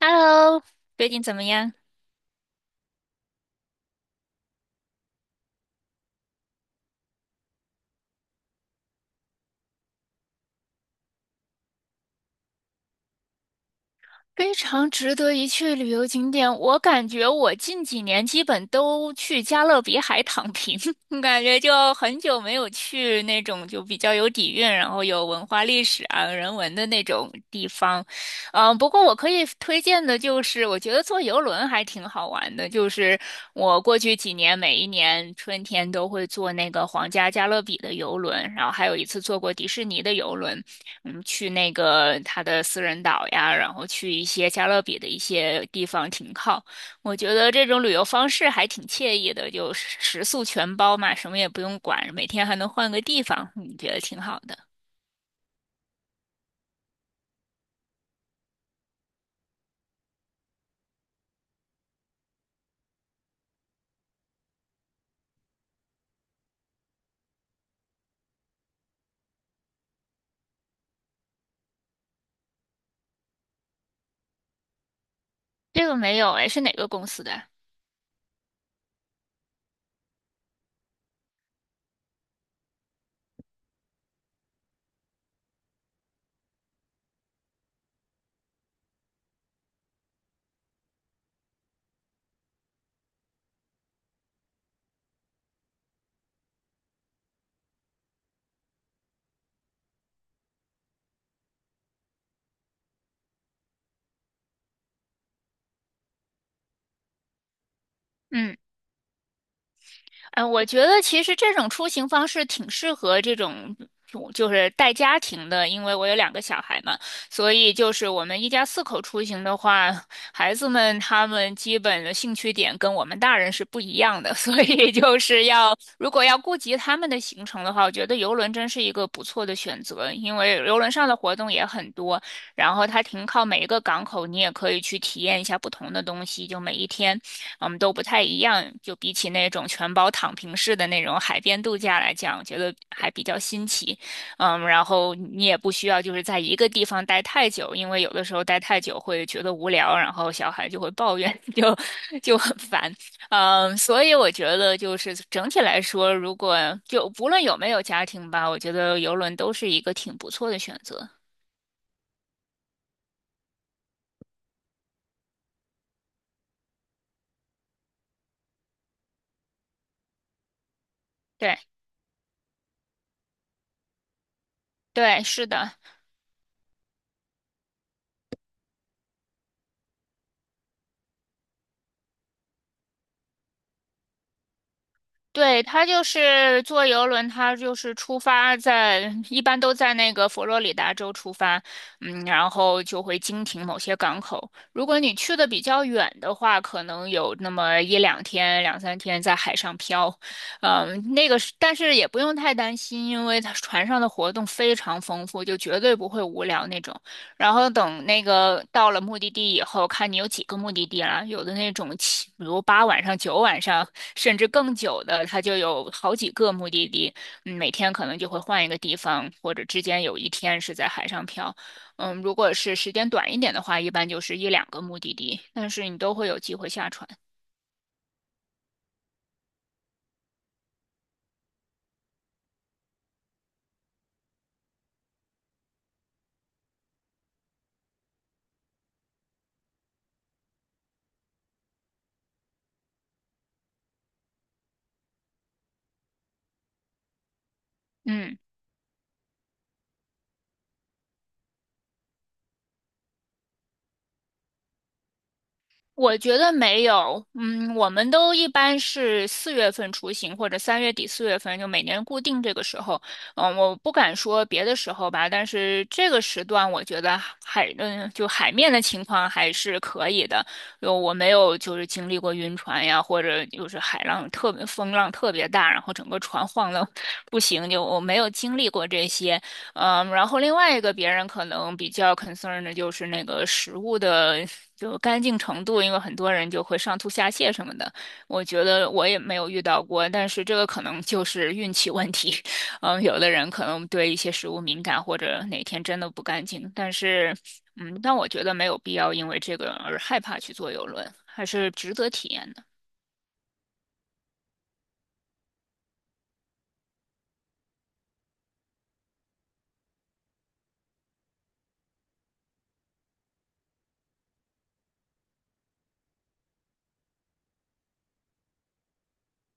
Hello，最近怎么样？非常值得一去的旅游景点，我感觉我近几年基本都去加勒比海躺平，感觉就很久没有去那种就比较有底蕴，然后有文化历史啊、人文的那种地方。嗯，不过我可以推荐的就是，我觉得坐游轮还挺好玩的。就是我过去几年，每一年春天都会坐那个皇家加勒比的游轮，然后还有一次坐过迪士尼的游轮，嗯，去那个它的私人岛呀，然后去一些加勒比的一些地方停靠。我觉得这种旅游方式还挺惬意的，就食宿全包嘛，什么也不用管，每天还能换个地方，你觉得挺好的。这个没有，哎，是哪个公司的？嗯。嗯，我觉得其实这种出行方式挺适合这种，就是带家庭的，因为我有两个小孩嘛，所以就是我们一家四口出行的话，孩子们他们基本的兴趣点跟我们大人是不一样的，所以就是要如果要顾及他们的行程的话，我觉得游轮真是一个不错的选择，因为游轮上的活动也很多，然后它停靠每一个港口，你也可以去体验一下不同的东西，就每一天。我们都不太一样。就比起那种全包躺平式的那种海边度假来讲，我觉得还比较新奇。嗯，然后你也不需要就是在一个地方待太久，因为有的时候待太久会觉得无聊，然后小孩就会抱怨，就很烦。嗯，所以我觉得就是整体来说，如果就不论有没有家庭吧，我觉得游轮都是一个挺不错的选择。对对，是的。对，他就是坐游轮，他就是出发在，一般都在那个佛罗里达州出发，嗯，然后就会经停某些港口。如果你去的比较远的话，可能有那么一两天、两三天在海上漂，嗯，那个是，但是也不用太担心，因为它船上的活动非常丰富，就绝对不会无聊那种。然后等那个到了目的地以后，看你有几个目的地了。有的那种七，比如八晚上、九晚上，甚至更久的，它就有好几个目的地。嗯，每天可能就会换一个地方，或者之间有一天是在海上漂。嗯，如果是时间短一点的话，一般就是一两个目的地，但是你都会有机会下船。嗯。我觉得没有，嗯，我们都一般是四月份出行，或者三月底四月份，就每年固定这个时候。嗯，我不敢说别的时候吧，但是这个时段我觉得海，嗯，就海面的情况还是可以的。就我没有就是经历过晕船呀，或者就是海浪特别风浪特别大，然后整个船 晃的不行，就我没有经历过这些。嗯，然后另外一个别人可能比较 concern 的就是那个食物的就干净程度，因为很多人就会上吐下泻什么的。我觉得我也没有遇到过，但是这个可能就是运气问题。嗯，有的人可能对一些食物敏感，或者哪天真的不干净，但是嗯，但我觉得没有必要因为这个而害怕去坐游轮，还是值得体验的。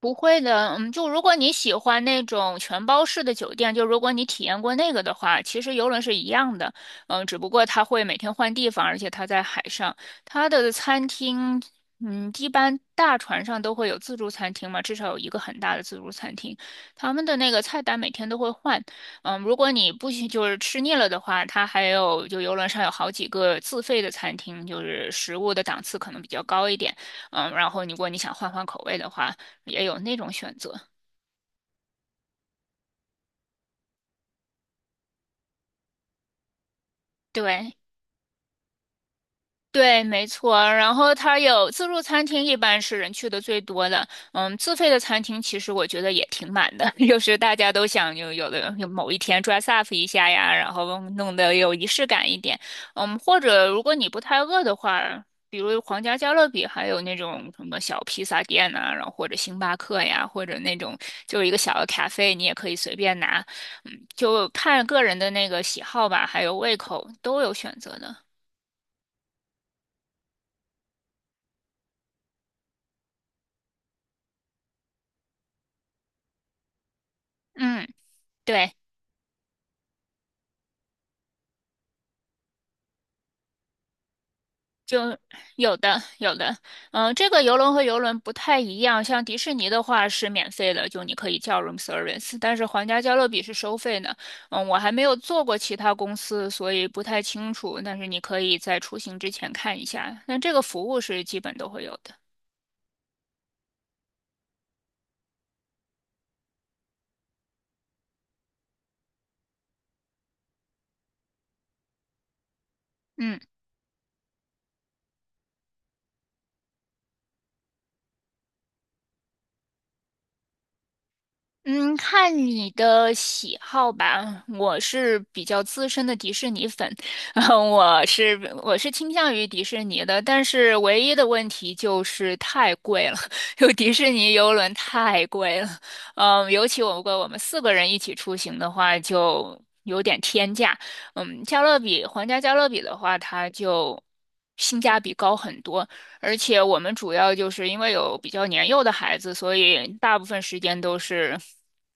不会的，嗯，就如果你喜欢那种全包式的酒店，就如果你体验过那个的话，其实游轮是一样的，嗯，只不过它会每天换地方，而且它在海上，它的餐厅，嗯，一般大船上都会有自助餐厅嘛，至少有一个很大的自助餐厅，他们的那个菜单每天都会换，嗯，如果你不行就是吃腻了的话，它还有就游轮上有好几个自费的餐厅，就是食物的档次可能比较高一点，嗯，然后如果你想换换口味的话。也有那种选择。对，对，没错。然后它有自助餐厅，一般是人去的最多的。嗯，自费的餐厅其实我觉得也挺满的，就是大家都想有某一天 dress up 一下呀，然后弄得有仪式感一点。嗯，或者如果你不太饿的话，比如皇家加勒比，还有那种什么小披萨店呐、然后或者星巴克呀，或者那种就是一个小的咖啡，你也可以随便拿。嗯，就看个人的那个喜好吧，还有胃口都有选择的。嗯，对。就有的有的，嗯，这个游轮和游轮不太一样，像迪士尼的话是免费的，就你可以叫 room service，但是皇家加勒比是收费的。嗯，我还没有做过其他公司，所以不太清楚，但是你可以在出行之前看一下。那这个服务是基本都会有的。嗯。嗯，看你的喜好吧。我是比较资深的迪士尼粉，嗯我是倾向于迪士尼的，但是唯一的问题就是太贵了，就迪士尼游轮太贵了。嗯，尤其我如果我们四个人一起出行的话，就有点天价。嗯，加勒比皇家加勒比的话，它就性价比高很多。而且我们主要就是因为有比较年幼的孩子，所以大部分时间都是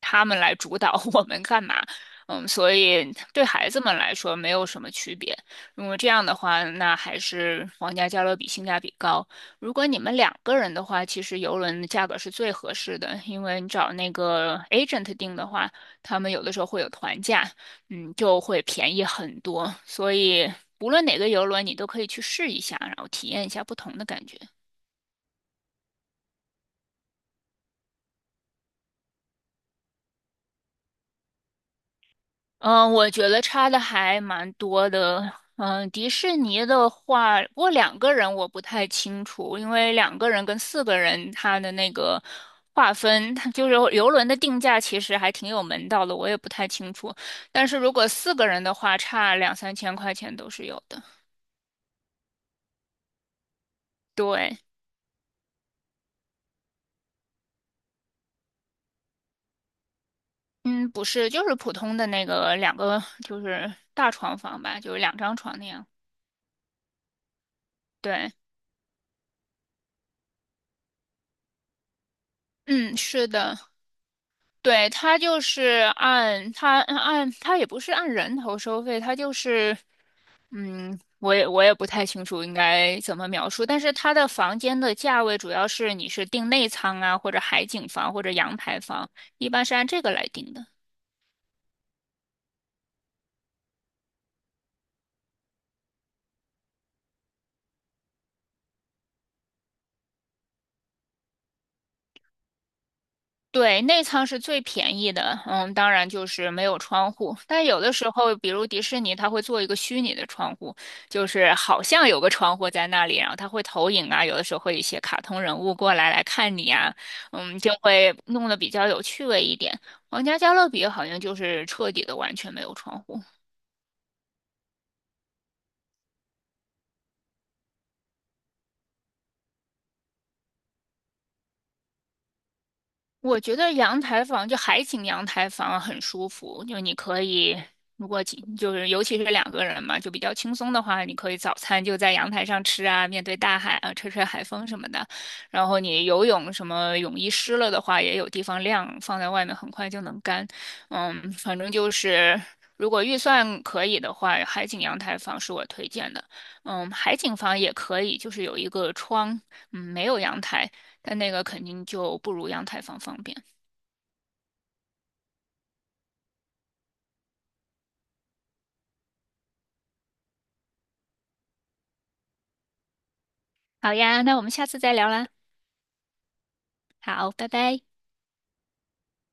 他们来主导 我们干嘛。嗯，所以对孩子们来说没有什么区别。如果这样的话，那还是皇家加勒比性价比高。如果你们两个人的话，其实游轮的价格是最合适的，因为你找那个 agent 定的话，他们有的时候会有团价，嗯，就会便宜很多。所以无论哪个游轮，你都可以去试一下，然后体验一下不同的感觉。嗯，我觉得差的还蛮多的。嗯，迪士尼的话，不过两个人我不太清楚，因为两个人跟四个人他的那个划分，它就是游轮的定价其实还挺有门道的，我也不太清楚。但是如果四个人的话，差两三千块钱都是有的。对。嗯，不是，就是普通的那个两个，就是大床房吧，就是两张床那样。对，嗯，是的，对，它就是按它也不是按人头收费，它就是嗯，我也不太清楚应该怎么描述，但是它的房间的价位主要是你是订内舱啊，或者海景房或者阳台房，一般是按这个来定的。对，内舱是最便宜的，嗯，当然就是没有窗户。但有的时候，比如迪士尼，它会做一个虚拟的窗户，就是好像有个窗户在那里，然后它会投影啊，有的时候会有一些卡通人物过来来看你啊，嗯，就会弄得比较有趣味一点。皇家加勒比好像就是彻底的完全没有窗户。我觉得阳台房就海景阳台房很舒服，就你可以，如果几就是尤其是两个人嘛，就比较轻松的话，你可以早餐就在阳台上吃啊，面对大海啊，吹吹海风什么的。然后你游泳什么泳衣湿了的话，也有地方晾，放在外面很快就能干。嗯，反正就是如果预算可以的话，海景阳台房是我推荐的。嗯，海景房也可以，就是有一个窗，嗯，没有阳台。但那个肯定就不如阳台房方便。好呀，那我们下次再聊啦。好，拜拜。